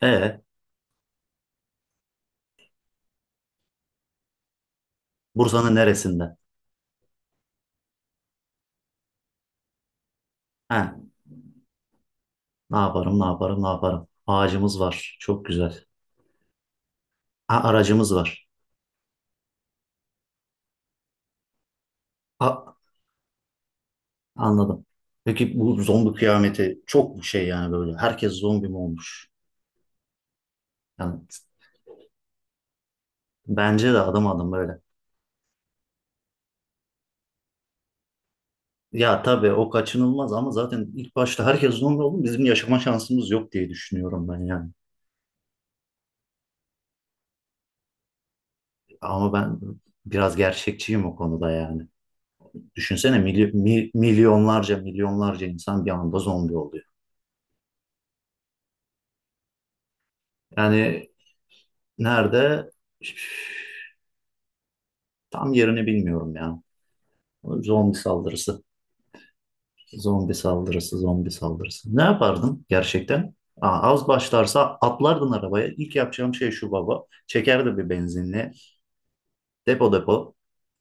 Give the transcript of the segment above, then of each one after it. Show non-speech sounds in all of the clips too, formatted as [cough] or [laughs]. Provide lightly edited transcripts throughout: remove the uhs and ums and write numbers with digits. E, Bursa'nın neresinde? He, ne yaparım, ne yaparım, ne yaparım? Ağacımız var. Çok güzel. Ha, aracımız var. A, anladım. Peki bu zombi kıyameti çok şey yani böyle. Herkes zombi mi olmuş? Yani bence de adım adım böyle. Ya tabii o kaçınılmaz ama zaten ilk başta herkes zombi oldu. Bizim yaşama şansımız yok diye düşünüyorum ben yani. Ama ben biraz gerçekçiyim o konuda yani. Düşünsene milyonlarca milyonlarca insan bir anda zombi oluyor. Yani, nerede? Tam yerini bilmiyorum ya. Zombi saldırısı. Zombi saldırısı, zombi saldırısı. Ne yapardım gerçekten? Aa, az başlarsa atlardın arabaya. İlk yapacağım şey şu baba. Çekerdim bir benzinli. Depo depo.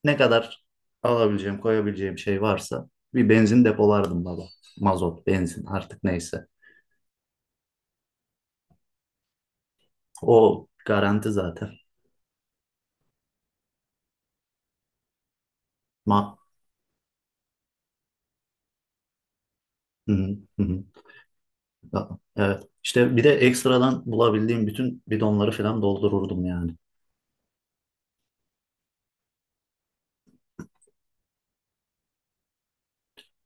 Ne kadar alabileceğim, koyabileceğim şey varsa bir benzin depolardım baba. Mazot, benzin artık neyse. O garanti zaten. Ma Hı hı, hı hı. Evet. İşte bir de ekstradan bulabildiğim bütün bidonları falan doldururdum yani.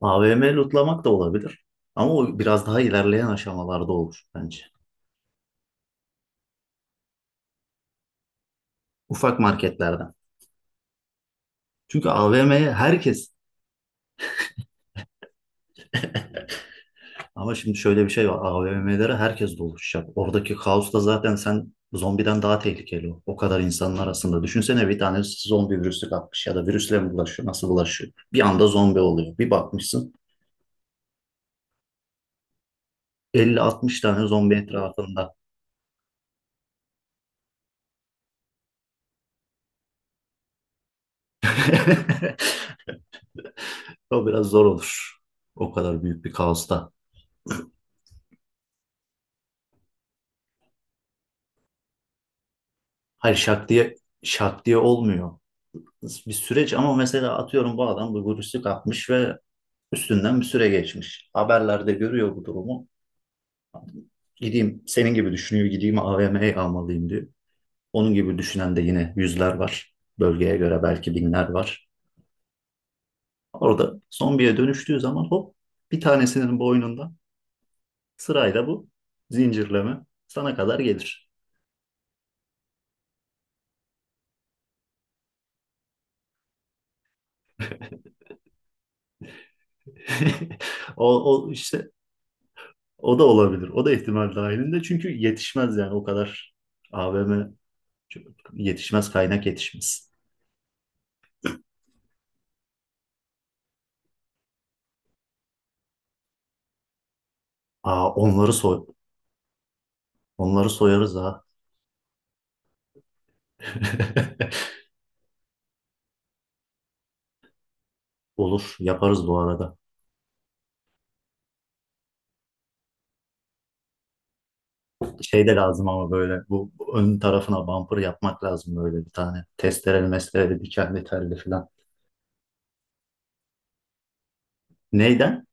AVM lootlamak da olabilir. Ama o biraz daha ilerleyen aşamalarda olur bence. Ufak marketlerden. Çünkü AVM'ye herkes, ama şimdi şöyle bir şey var. AVM'lere herkes doluşacak. Oradaki kaos da zaten sen zombiden daha tehlikeli o. O kadar insanın arasında. Düşünsene bir tane zombi virüsü kapmış ya da virüsle mi bulaşıyor? Nasıl bulaşıyor? Bir anda zombi oluyor. Bir bakmışsın 50-60 tane zombi etrafında. [laughs] O biraz zor olur. O kadar büyük bir kaosta. Hayır, şak diye şak diye olmuyor. Bir süreç ama mesela atıyorum bu adam bu virüsü kapmış ve üstünden bir süre geçmiş. Haberlerde görüyor bu durumu. Gideyim senin gibi düşünüyor, gideyim AVM'ye almalıyım diyor. Onun gibi düşünen de yine yüzler var. Bölgeye göre belki binler var. Orada zombiye dönüştüğü zaman hop bir tanesinin boynunda sırayla bu zincirleme sana kadar gelir. [laughs] O, o işte o da olabilir. O da ihtimal dahilinde çünkü yetişmez yani o kadar AVM. Yetişmez, kaynak yetişmez. Aa, onları soyarız ha. [laughs] Olur, yaparız bu arada. Şey de lazım ama böyle bu ön tarafına bumper yapmak lazım böyle bir tane. Testereli mestereli dikenli telli falan. Neyden?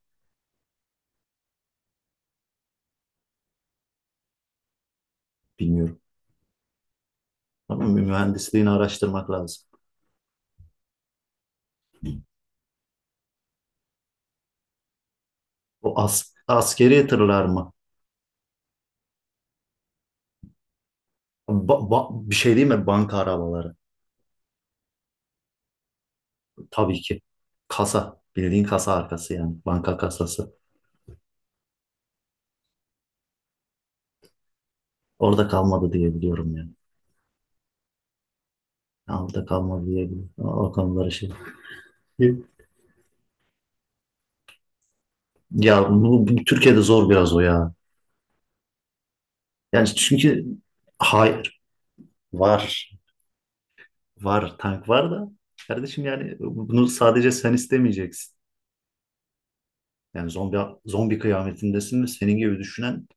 Bilmiyorum. Ama mühendisliğini araştırmak lazım. O askeri tırlar mı? Bir şey değil mi? Banka arabaları. Tabii ki. Kasa. Bildiğin kasa arkası yani. Banka kasası. Orada kalmadı diye biliyorum yani. Altta kalmadı diyebilirim. O konuları şey. E, Ya bu Türkiye'de zor biraz o ya. Yani çünkü hayır, var. Var, tank var da kardeşim yani bunu sadece sen istemeyeceksin. Yani zombi kıyametindesin ve senin gibi düşünen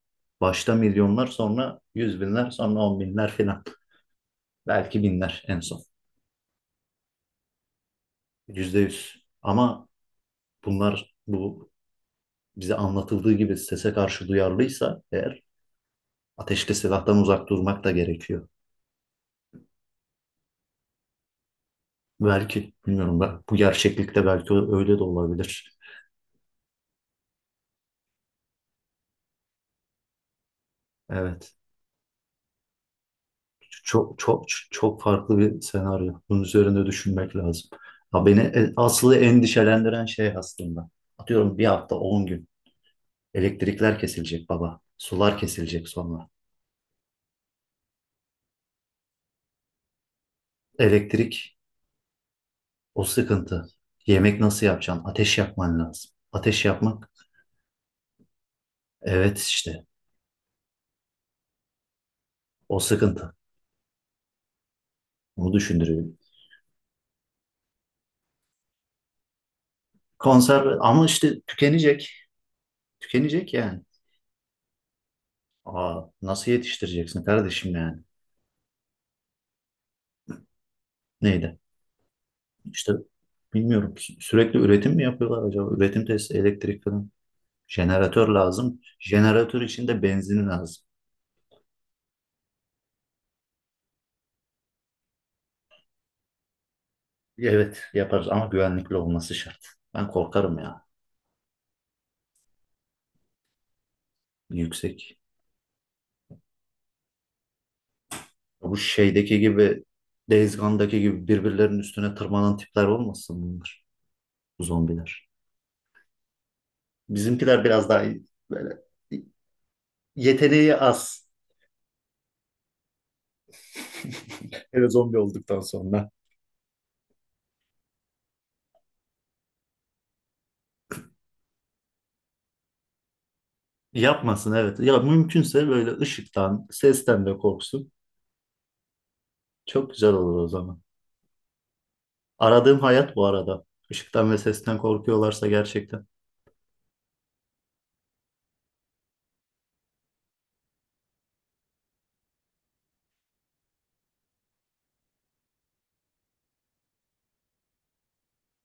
başta milyonlar, sonra yüz binler, sonra on binler filan. Belki binler en son. %100. Ama bu bize anlatıldığı gibi sese karşı duyarlıysa eğer ateşli silahtan uzak durmak da gerekiyor. Belki bilmiyorum ben. Bu gerçeklikte belki öyle de olabilir. Evet. Çok çok çok farklı bir senaryo. Bunun üzerinde düşünmek lazım. Ha, beni asıl endişelendiren şey aslında. Atıyorum bir hafta 10 gün. Elektrikler kesilecek baba. Sular kesilecek sonra. Elektrik, o sıkıntı. Yemek nasıl yapacaksın? Ateş yapman lazım. Ateş yapmak evet işte o sıkıntı. Onu düşündürüyor. Konserve ama işte tükenecek. Tükenecek yani. Aa, nasıl yetiştireceksin kardeşim yani? Neydi? İşte bilmiyorum. Sürekli üretim mi yapıyorlar acaba? Üretim tesisi, elektrik falan. Jeneratör lazım. Jeneratör için de benzin lazım. Evet yaparız ama güvenlikli olması şart. Ben korkarım ya. Yüksek. Bu şeydeki gibi Days Gone'daki gibi birbirlerinin üstüne tırmanan tipler olmasın bunlar? Bu zombiler. Bizimkiler biraz daha iyi, böyle yeteneği az. [laughs] Hele zombi olduktan sonra. Yapmasın evet. Ya mümkünse böyle ışıktan, sesten de korksun. Çok güzel olur o zaman. Aradığım hayat bu arada. Işıktan ve sesten korkuyorlarsa gerçekten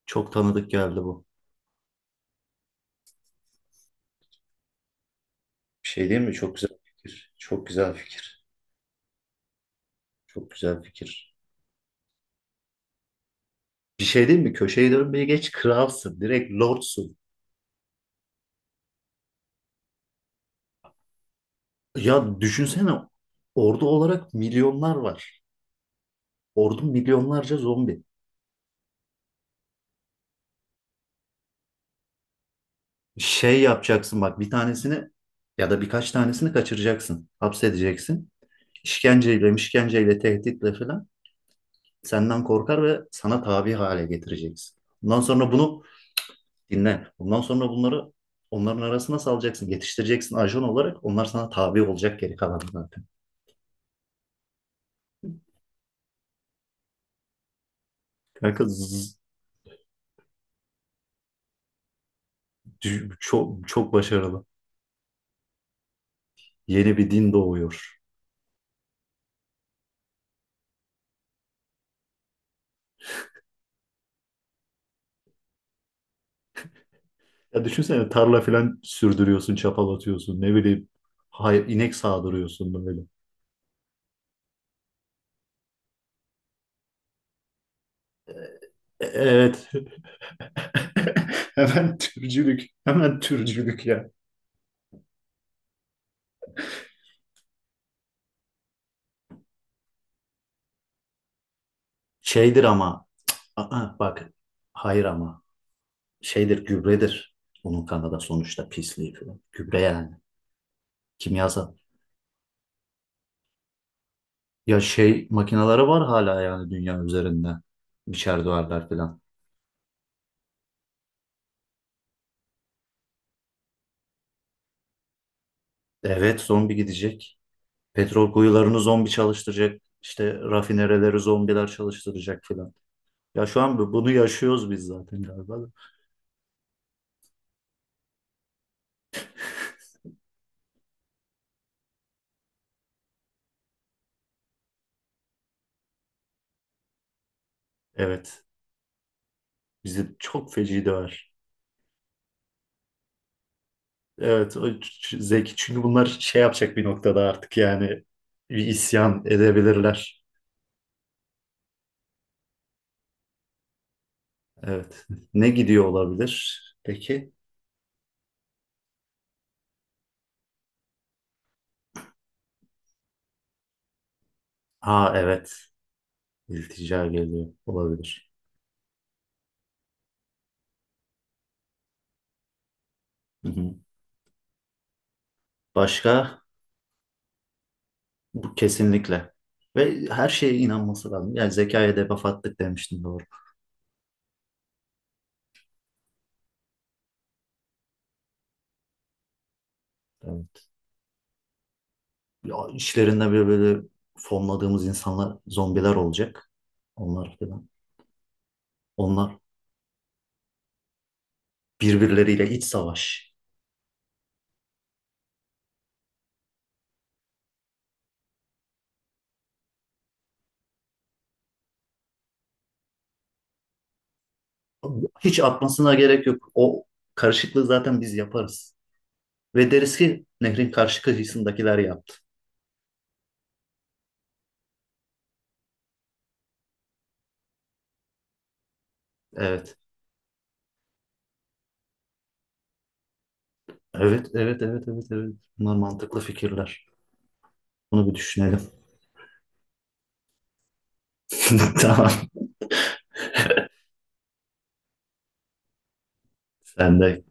çok tanıdık geldi bu. Bir şey değil mi? Çok güzel fikir. Çok güzel fikir. Çok güzel fikir. Bir şey değil mi? Köşeyi dönmeyi geç, kralsın. Direkt lordsun. Ya düşünsene ordu olarak milyonlar var. Ordu milyonlarca zombi. Şey yapacaksın bak, bir tanesini ya da birkaç tanesini kaçıracaksın. Hapsedeceksin. İşkenceyle, işkenceyle, tehditle falan senden korkar ve sana tabi hale getireceksin. Bundan sonra bunu dinle. Bundan sonra bunları onların arasına salacaksın, yetiştireceksin ajan olarak. Onlar sana tabi olacak, geri kalan zaten. Kanka zzz, çok çok başarılı. Yeni bir din doğuyor. Ya düşünsene, tarla falan sürdürüyorsun, çapal atıyorsun, ne bileyim, hayır, inek sağdırıyorsun böyle. Evet. [laughs] Hemen türcülük. Hemen türcülük ya. Şeydir ama, aa bak, hayır ama şeydir, gübredir. Onun kanada sonuçta pisliği falan. Gübre yani. Kimyasal. Ya şey makineleri var hala yani dünya üzerinde. Biçer duvarlar falan. Evet, zombi gidecek. Petrol kuyularını zombi çalıştıracak. İşte rafinereleri zombiler çalıştıracak falan. Ya şu an bunu yaşıyoruz biz zaten galiba da. Evet. Bizi çok feci döver. Evet, o zeki çünkü bunlar şey yapacak bir noktada artık yani bir isyan edebilirler. Evet. Ne gidiyor olabilir? Peki. Ha, evet. İltica geliyor olabilir. Hı hı. Başka? Bu kesinlikle. Ve her şeye inanması lazım. Yani zekaya debuff attık demiştim, doğru. Evet. Ya, işlerinde böyle böyle fonladığımız insanlar zombiler olacak. Onlar falan. Onlar birbirleriyle iç savaş. Hiç atmasına gerek yok. O karışıklığı zaten biz yaparız. Ve deriz ki nehrin karşı kıyısındakiler yaptı. Evet. Evet, evet, evet, evet, evet. Bunlar mantıklı fikirler. Bunu bir düşünelim. [laughs] Tamam. Sen de